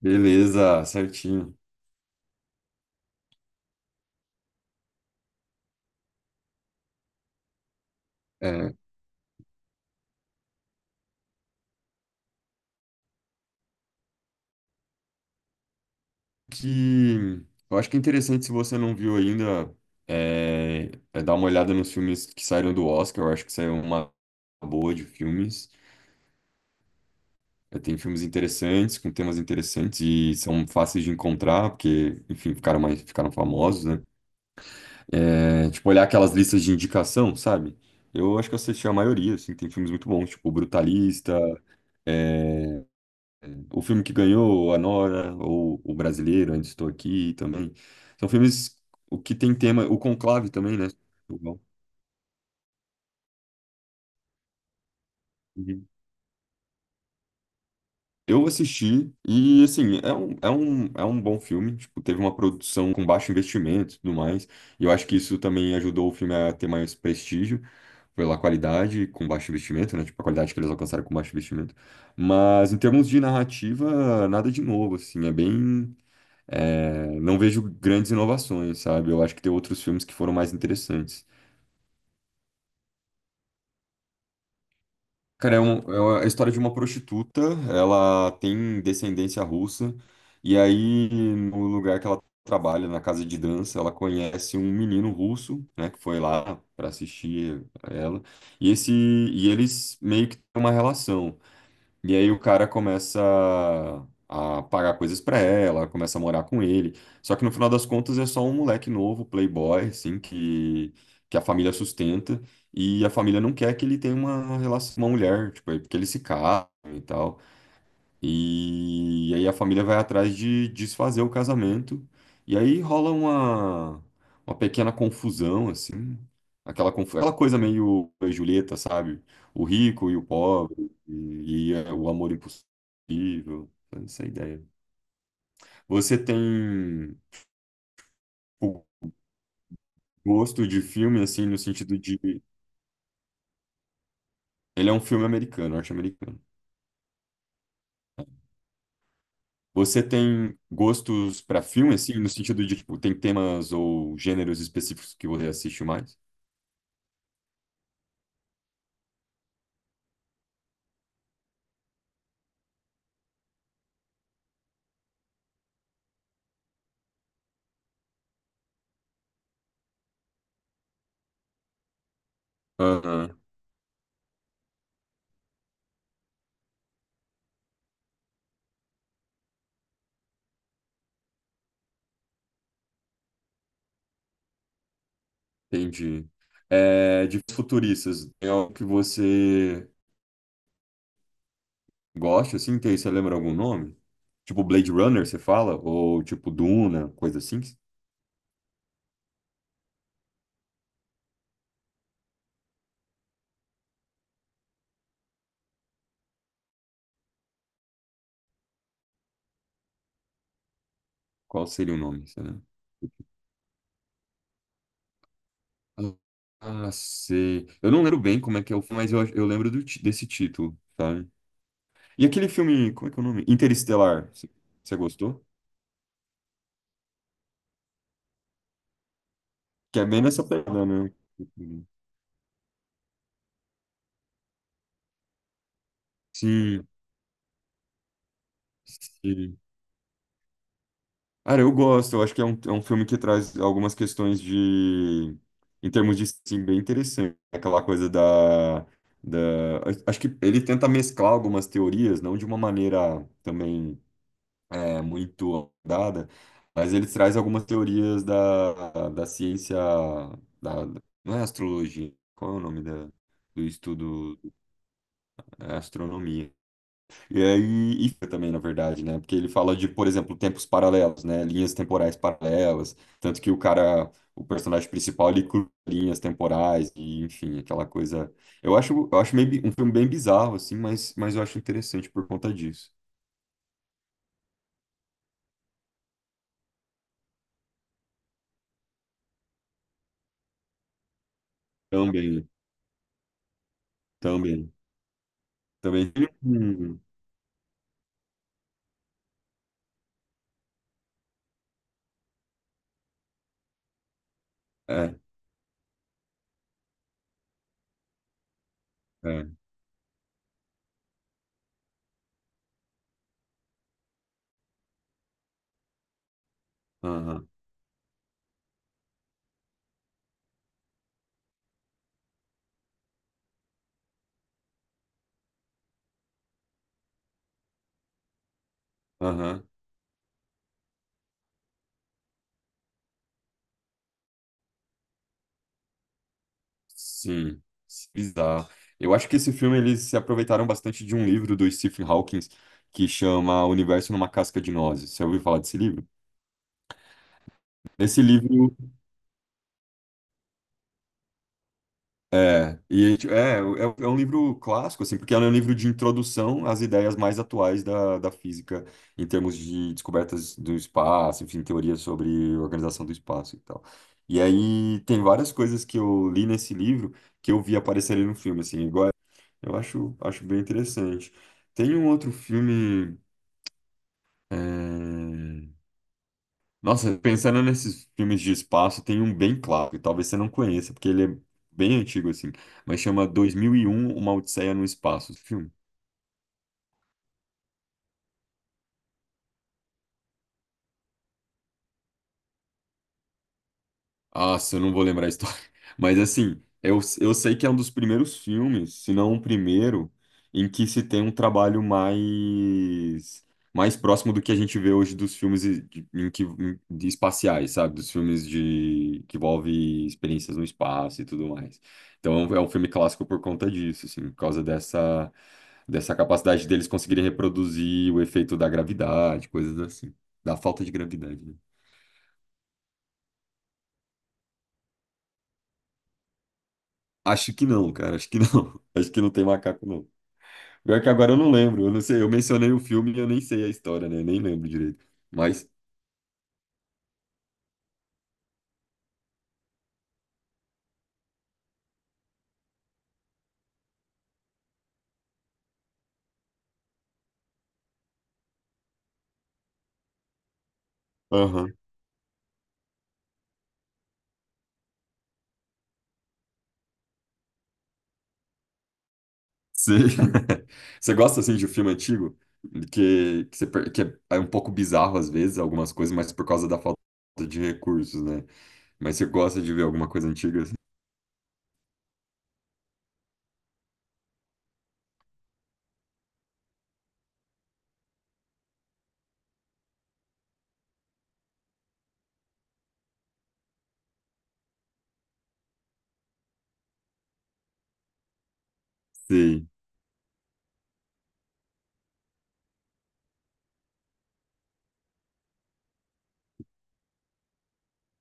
Beleza, certinho. É, que Eu acho que é interessante se você não viu ainda é dar uma olhada nos filmes que saíram do Oscar. Eu acho que saiu uma boa de filmes. Tem filmes interessantes, com temas interessantes e são fáceis de encontrar, porque, enfim, ficaram famosos, né? Tipo, olhar aquelas listas de indicação, sabe? Eu acho que eu assisti a maioria, assim, tem filmes muito bons, tipo Brutalista, o filme que ganhou, A Nora, ou O Brasileiro, Ainda Estou Aqui também. São filmes o que tem tema, o Conclave também, né? Uhum. Eu assisti e, assim, é um bom filme. Tipo, teve uma produção com baixo investimento e tudo mais. E eu acho que isso também ajudou o filme a ter mais prestígio pela qualidade com baixo investimento, né? Tipo, a qualidade que eles alcançaram com baixo investimento. Mas em termos de narrativa, nada de novo, assim. É bem. Não vejo grandes inovações, sabe? Eu acho que tem outros filmes que foram mais interessantes. Cara, a história de uma prostituta, ela tem descendência russa, e aí no lugar que ela trabalha, na casa de dança, ela conhece um menino russo, né, que foi lá para assistir a ela, e eles meio que têm uma relação. E aí o cara começa a pagar coisas pra ela, começa a morar com ele. Só que no final das contas é só um moleque novo, playboy, assim, que a família sustenta. E a família não quer que ele tenha uma relação com uma mulher, tipo, aí porque eles se casam e tal. E aí a família vai atrás de desfazer o casamento. E aí rola uma pequena confusão, assim. Aquela coisa meio Julieta, sabe? O rico e o pobre, o amor impossível. Essa é a ideia. Você tem o gosto de filme, assim, no sentido de. Ele é um filme americano, norte-americano. Você tem gostos para filme, assim, no sentido de, tipo, tem temas ou gêneros específicos que você assiste mais? Aham, entendi. É, de futuristas, tem algo que você gosta, assim? Tem, você lembra algum nome? Tipo Blade Runner, você fala? Ou tipo Duna, coisa assim? Qual seria o nome, você lembra? Ah, sei. Eu não lembro bem como é que é o filme, mas eu lembro do desse título, sabe? E aquele filme, como é que é o nome? Interestelar, você gostou? Que é bem nessa pegada, né? Sim, sim. Cara, eu gosto. Eu acho que é um filme que traz algumas questões de... Em termos de, sim, bem interessante. Aquela coisa da... da... Acho que ele tenta mesclar algumas teorias, não de uma maneira também muito dada, mas ele traz algumas teorias da, ciência... Da... Não é astrologia. Qual é o nome da... do estudo? É astronomia. E aí, e fica também, na verdade, né? Porque ele fala de, por exemplo, tempos paralelos, né? Linhas temporais paralelas. Tanto que o cara, o personagem principal, ele cruza linhas temporais, e, enfim, aquela coisa. Eu acho meio, um filme bem bizarro, assim, mas eu acho interessante por conta disso. Também, também, também. Hum, é, é. Aham, aham. Sim, sim, bizarro. Eu acho que esse filme eles se aproveitaram bastante de um livro do Stephen Hawking que chama O Universo numa Casca de Nozes. Você ouviu falar desse livro? Esse livro é, e, tipo, é um livro clássico, assim, porque é um livro de introdução às ideias mais atuais da, física em termos de descobertas do espaço, enfim, teorias sobre organização do espaço e tal. E aí tem várias coisas que eu li nesse livro que eu vi aparecerem no filme, assim, igual. Eu acho bem interessante. Tem um outro filme. é, Nossa, pensando nesses filmes de espaço, tem um bem clássico, talvez você não conheça, porque ele é bem antigo assim, mas chama 2001, Uma Odisseia no Espaço. Esse filme. Nossa, eu não vou lembrar a história. Mas assim, eu sei que é um dos primeiros filmes, se não o primeiro, em que se tem um trabalho mais próximo do que a gente vê hoje dos filmes e- de, em que, em- de espaciais, sabe? Dos filmes de que envolve experiências no espaço e tudo mais. Então é um filme clássico por conta disso, assim, por causa dessa capacidade deles conseguirem reproduzir o efeito da gravidade, coisas assim, da falta de gravidade, né? Acho que não, cara. Acho que não. Acho que não tem macaco, não. Pior que agora eu não lembro. Eu não sei. Eu mencionei o filme e eu nem sei a história, né? Nem lembro direito. Mas, aham. Sei. Você gosta, assim, de um filme antigo? Que é um pouco bizarro, às vezes, algumas coisas, mas por causa da falta de recursos, né? Mas você gosta de ver alguma coisa antiga, assim? Sei.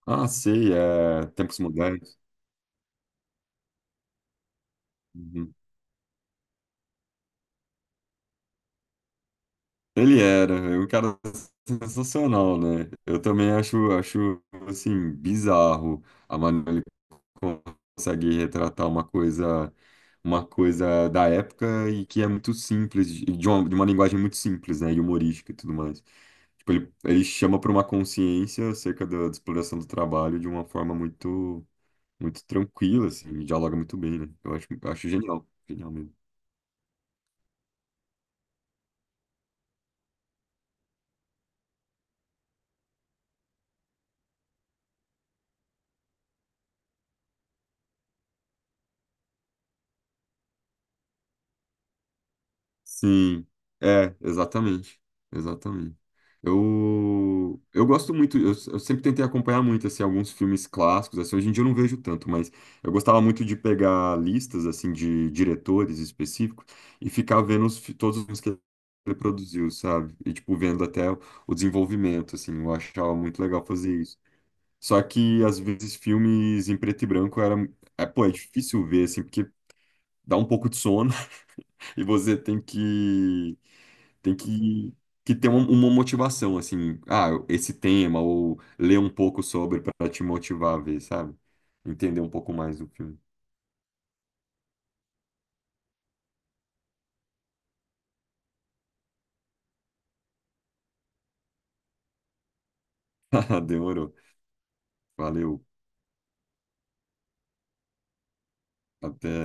Ah, sei. É... Tempos Modernos. Uhum. Ele era, é um cara sensacional, né? Eu também acho assim, bizarro a maneira como ele consegue retratar uma coisa da época e que é muito simples, de uma linguagem muito simples, né? E humorística e tudo mais. Tipo, ele chama para uma consciência acerca da, da exploração do trabalho de uma forma muito, muito tranquila, assim, e dialoga muito bem, né? Eu acho genial, genial mesmo. Sim, é, exatamente, exatamente. Eu gosto muito, eu sempre tentei acompanhar muito, assim, alguns filmes clássicos, assim, hoje em dia eu não vejo tanto, mas eu gostava muito de pegar listas, assim, de diretores específicos e ficar vendo todos os filmes que ele produziu, sabe? E, tipo, vendo até o desenvolvimento, assim, eu achava muito legal fazer isso. Só que, às vezes, filmes em preto e branco pô, é difícil ver, assim, porque dá um pouco de sono e você tem que tem que, ter uma motivação, assim, ah, esse tema, ou ler um pouco sobre para te motivar a ver, sabe? Entender um pouco mais do filme. Demorou. Valeu. Até.